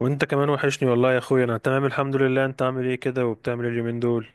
وانت كمان وحشني والله يا اخويا، انا تمام الحمد لله. انت عامل ايه كده وبتعمل ايه اليومين دول؟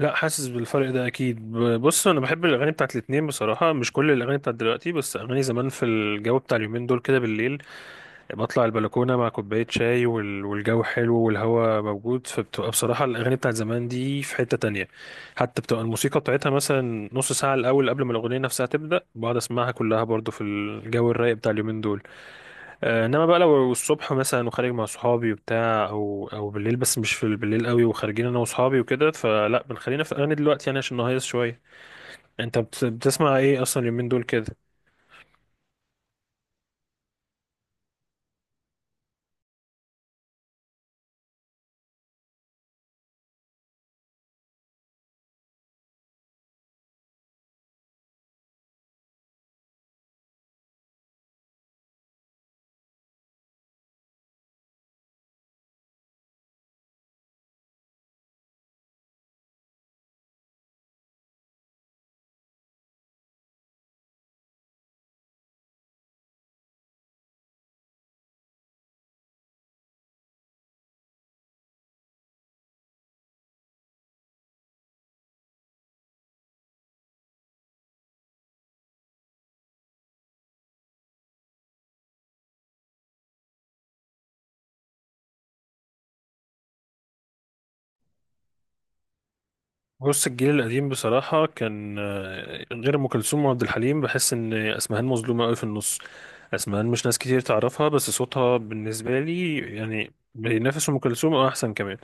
لا، حاسس بالفرق ده اكيد. بص، انا بحب الاغاني بتاعت الاتنين بصراحه، مش كل الاغاني بتاعت دلوقتي، بس اغاني زمان في الجو بتاع اليومين دول كده بالليل. بطلع البلكونه مع كوبايه شاي والجو حلو والهواء موجود، فبتبقى بصراحه الاغاني بتاعت زمان دي في حته تانية. حتى بتبقى الموسيقى بتاعتها مثلا نص ساعه الاول قبل ما الاغنيه نفسها تبدا، بقعد اسمعها كلها برضو في الجو الرايق بتاع اليومين دول. انما بقى لو الصبح مثلا وخارج مع صحابي وبتاع او بالليل، بس مش في بالليل قوي، وخارجين انا وصحابي وكده، فلا بنخلينا في الاغاني دلوقتي يعني عشان نهيص شويه. انت بتسمع ايه اصلا اليومين دول كده؟ بص، الجيل القديم بصراحه كان غير ام كلثوم وعبد الحليم بحس ان اسمهان مظلومه قوي في النص. اسمهان مش ناس كتير تعرفها، بس صوتها بالنسبه لي يعني بينافس ام كلثوم او احسن كمان.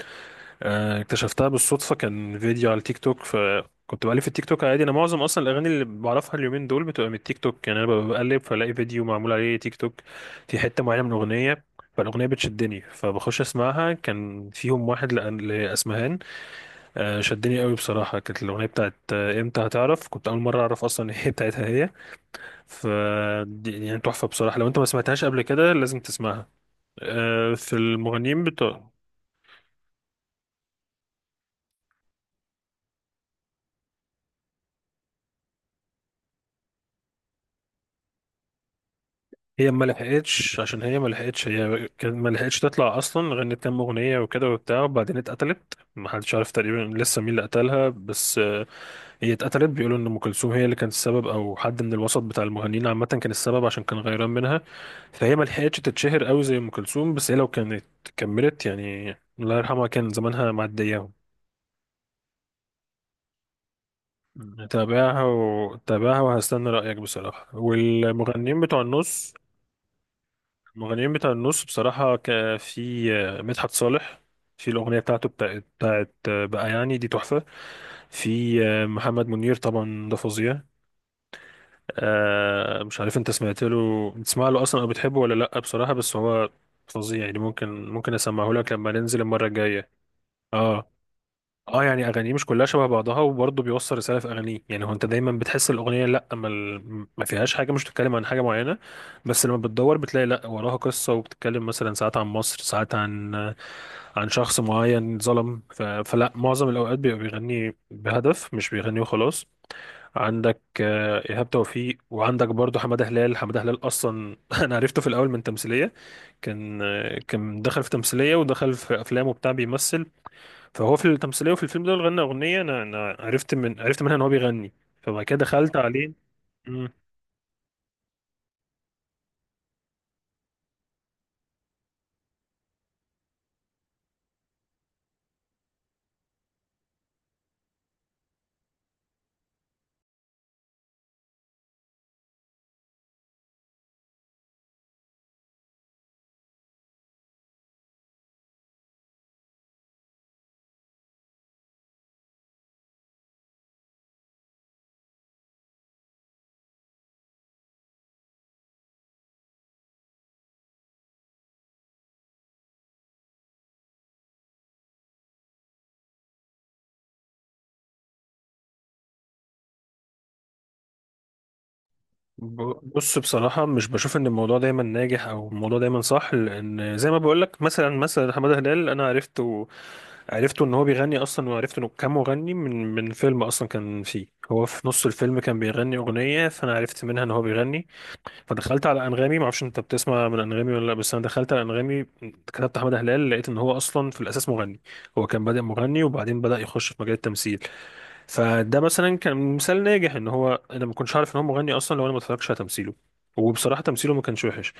اكتشفتها بالصدفة، كان فيديو على التيك توك. فكنت بقلب في التيك توك عادي، أنا معظم أصلا الأغاني اللي بعرفها اليومين دول بتبقى من التيك توك، يعني أنا ببقى بقلب فلاقي فيديو معمول عليه تيك توك في حتة معينة من أغنية. فالأغنية بتشدني فبخش أسمعها، كان فيهم واحد لأسمهان. شدني قوي بصراحة. كانت الأغنية بتاعت إمتى هتعرف. كنت أول مرة أعرف أصلا إن هي بتاعتها هي. ف يعني تحفة بصراحة، لو أنت ما سمعتهاش قبل كده لازم تسمعها. في المغنيين بتوع. هي ما لحقتش، عشان هي ما لحقتش، هي كان ما لحقتش تطلع اصلا. غنت كام اغنيه وكده وبتاع، وبعدين اتقتلت. ما حدش عارف تقريبا لسه مين اللي قتلها، بس. هي اتقتلت، بيقولوا ان ام كلثوم هي اللي كانت السبب، او حد من الوسط بتاع المغنيين عامه كان السبب عشان كان غيران منها. فهي ما لحقتش تتشهر قوي زي ام كلثوم، بس هي لو كانت كملت يعني. الله يرحمها، كان زمانها معدياهم. تابعها وتابعها، وهستنى رأيك بصراحة. والمغنيين بتوع النص. المغنيين بتاع النص بصراحة، في مدحت صالح. في الأغنية بتاعت بقى، يعني دي تحفة. في محمد منير، طبعا ده فظيع. مش عارف انت سمعت له بتسمع له أصلا أو بتحبه ولا لأ بصراحة، بس هو فظيع يعني. ممكن أسمعه لك لما ننزل المرة الجاية. اه. اه، يعني اغانيه مش كلها شبه بعضها، وبرضه بيوصل رساله في اغانيه. يعني هو انت دايما بتحس الاغنيه لا ما فيهاش حاجه، مش بتتكلم عن حاجه معينه. بس لما بتدور بتلاقي لا، وراها قصه وبتتكلم مثلا ساعات عن مصر، ساعات عن عن شخص معين ظلم. فلا معظم الاوقات بيبقى بيغني بهدف، مش بيغني وخلاص. عندك ايهاب توفيق، وعندك برضه حماده هلال. حماده هلال اصلا انا عرفته في الاول من تمثيليه. كان دخل في تمثيلية ودخل في أفلام وبتاع بيمثل. فهو في التمثيليه وفي الفيلم ده غنى اغنيه. انا عرفت منها ان هو بيغني. فبعد كده دخلت عليه. مم. بص، بصراحه مش بشوف ان الموضوع دايما ناجح او الموضوع دايما صح، لان زي ما بقول لك مثلا حماده هلال انا عرفته. عرفته ان هو بيغني اصلا، وعرفت انه كان مغني من فيلم، اصلا كان فيه هو في نص الفيلم كان بيغني اغنيه، فانا عرفت منها ان هو بيغني. فدخلت على انغامي. ما اعرفش انت بتسمع من انغامي ولا لا، بس انا دخلت على انغامي. كتبت احمد هلال، لقيت ان هو اصلا في الاساس مغني. هو كان بادئ مغني، وبعدين بدا يخش في مجال التمثيل. فده مثلا كان مثال ناجح، ان هو انا ما كنتش عارف ان هو مغني اصلا لو انا ما اتفرجتش على تمثيله. وبصراحه تمثيله ما كانش وحش.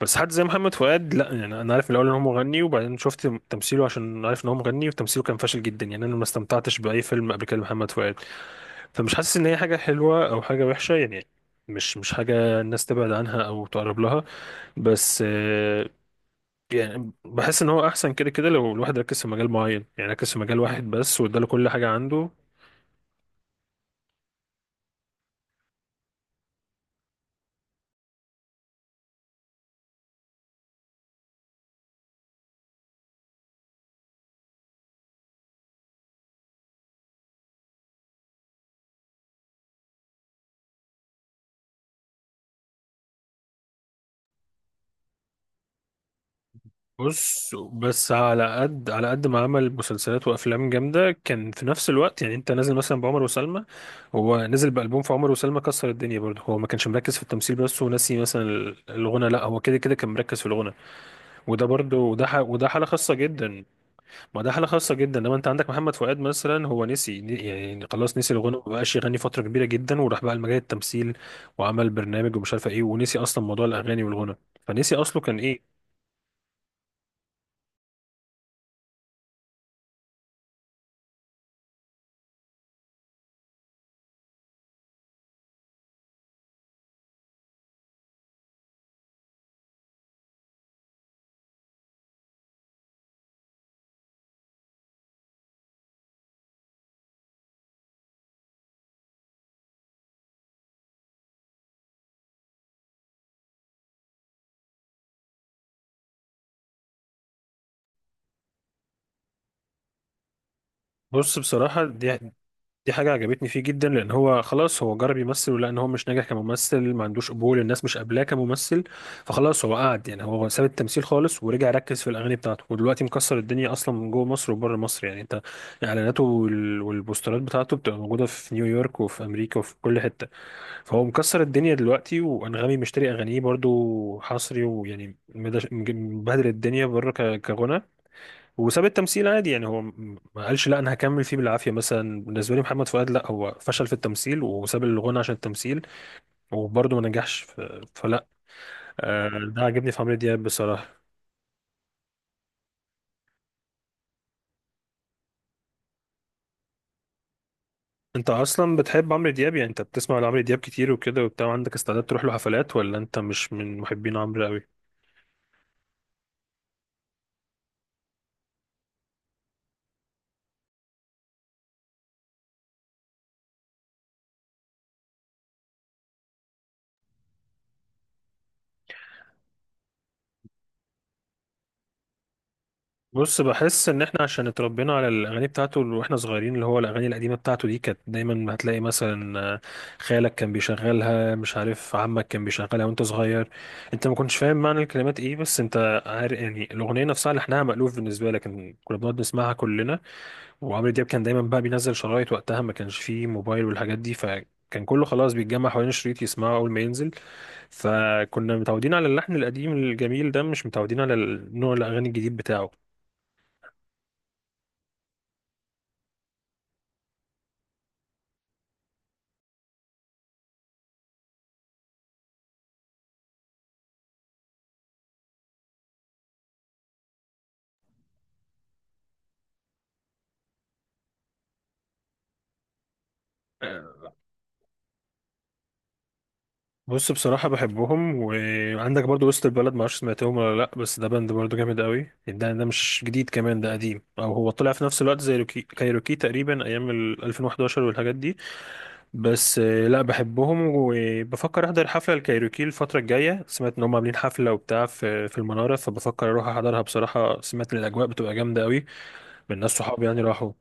بس حد زي محمد فؤاد لا، يعني انا عارف من الاول ان هو مغني، وبعدين شفت تمثيله عشان عارف ان هو مغني، وتمثيله كان فاشل جدا، يعني انا ما استمتعتش باي فيلم قبل كده لمحمد فؤاد. فمش حاسس ان هي حاجه حلوه او حاجه وحشه يعني. مش حاجه الناس تبعد عنها او تقرب لها. بس. يعني بحس ان هو احسن كده كده، لو الواحد ركز في مجال معين يعني ركز في مجال واحد بس، واداله كل حاجه عنده. بص، بس على قد ما عمل مسلسلات وافلام جامده، كان في نفس الوقت. يعني انت نازل مثلا بعمر وسلمى، هو نزل بالبوم في عمر وسلمى كسر الدنيا برضه. هو ما كانش مركز في التمثيل بس وناسي مثلا الغنى، لا هو كده كده كان مركز في الغنى. وده برضه وده ح- وده حاله خاصه جدا. ما ده حالة خاصة جدا، لما انت عندك محمد فؤاد مثلا هو نسي يعني خلاص نسي الغنى، ما بقاش يغني فترة كبيرة جدا، وراح بقى لمجال التمثيل. وعمل برنامج ومش عارفة ايه، ونسي اصلا موضوع الاغاني والغنى. فنسي اصله كان ايه. بص بصراحة. دي حاجة عجبتني فيه جدا، لأن هو خلاص هو جرب يمثل ولقى إن هو مش ناجح كممثل، ما عندوش قبول، الناس مش قابلاه كممثل. فخلاص هو قعد يعني، هو ساب التمثيل خالص ورجع ركز في الأغاني بتاعته، ودلوقتي مكسر الدنيا أصلا من جوه مصر وبره مصر يعني. أنت إعلاناته والبوسترات بتاعته بتبقى موجودة في نيويورك وفي أمريكا وفي كل حتة. فهو مكسر الدنيا دلوقتي، وأنغامي مشتري أغانيه برضو حصري، ويعني مبهدل الدنيا بره كغنى. وساب التمثيل عادي يعني، هو ما قالش لا انا هكمل فيه بالعافيه. مثلا بالنسبه لي محمد فؤاد لا، هو فشل في التمثيل وساب الغنى عشان التمثيل، وبرضه ما نجحش. فلا. آه، ده عاجبني في عمرو دياب بصراحه. انت اصلا بتحب عمرو دياب يعني؟ انت بتسمع لعمرو دياب كتير وكده وبتاع، عندك استعداد تروح له حفلات، ولا انت مش من محبين عمرو قوي؟ بص، بحس ان احنا عشان اتربينا على الاغاني بتاعته اللي واحنا صغيرين، اللي هو الاغاني القديمه بتاعته دي، كانت دايما هتلاقي مثلا خالك كان بيشغلها، مش عارف عمك كان بيشغلها وانت صغير. انت ما كنتش فاهم معنى الكلمات ايه، بس انت عارف يعني الاغنيه نفسها لحنها مألوف بالنسبه لك، إن كنا بنقعد نسمعها كلنا. وعمرو دياب كان دايما بقى بينزل شرايط وقتها، ما كانش فيه موبايل والحاجات دي. كان كله خلاص بيتجمع حوالين الشريط يسمعه اول ما ينزل. فكنا متعودين على اللحن القديم الجميل ده، مش متعودين على نوع الاغاني الجديد بتاعه. بص بصراحة بحبهم. وعندك برضو وسط البلد، معرفش سمعتهم ولا لأ، بس ده باند برضو جامد قوي، ده مش جديد كمان، ده قديم، أو هو طلع في نفس الوقت زي روكي كايروكي تقريبا، أيام ال 2011 والحاجات دي. بس لأ، بحبهم وبفكر أحضر حفلة الكايروكي الفترة الجاية، سمعت إن هم عاملين حفلة وبتاع في المنارة، فبفكر أروح أحضرها بصراحة، سمعت إن الأجواء بتبقى جامدة قوي من ناس صحابي يعني راحوا.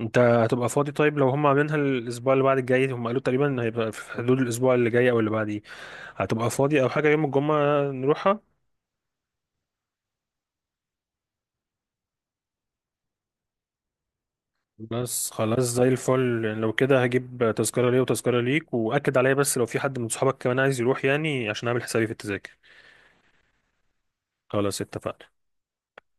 انت هتبقى فاضي؟ طيب لو هم عاملينها الاسبوع اللي بعد الجاي، هم قالوا تقريبا هيبقى في حدود الاسبوع اللي جاي او اللي بعديه، هتبقى فاضي او حاجه يوم الجمعه نروحها؟ بس خلاص زي الفل، لو كده هجيب تذكره ليا وتذكره ليك، واكد عليا بس لو في حد من صحابك كمان عايز يروح يعني، عشان اعمل حسابي في التذاكر. خلاص اتفقنا.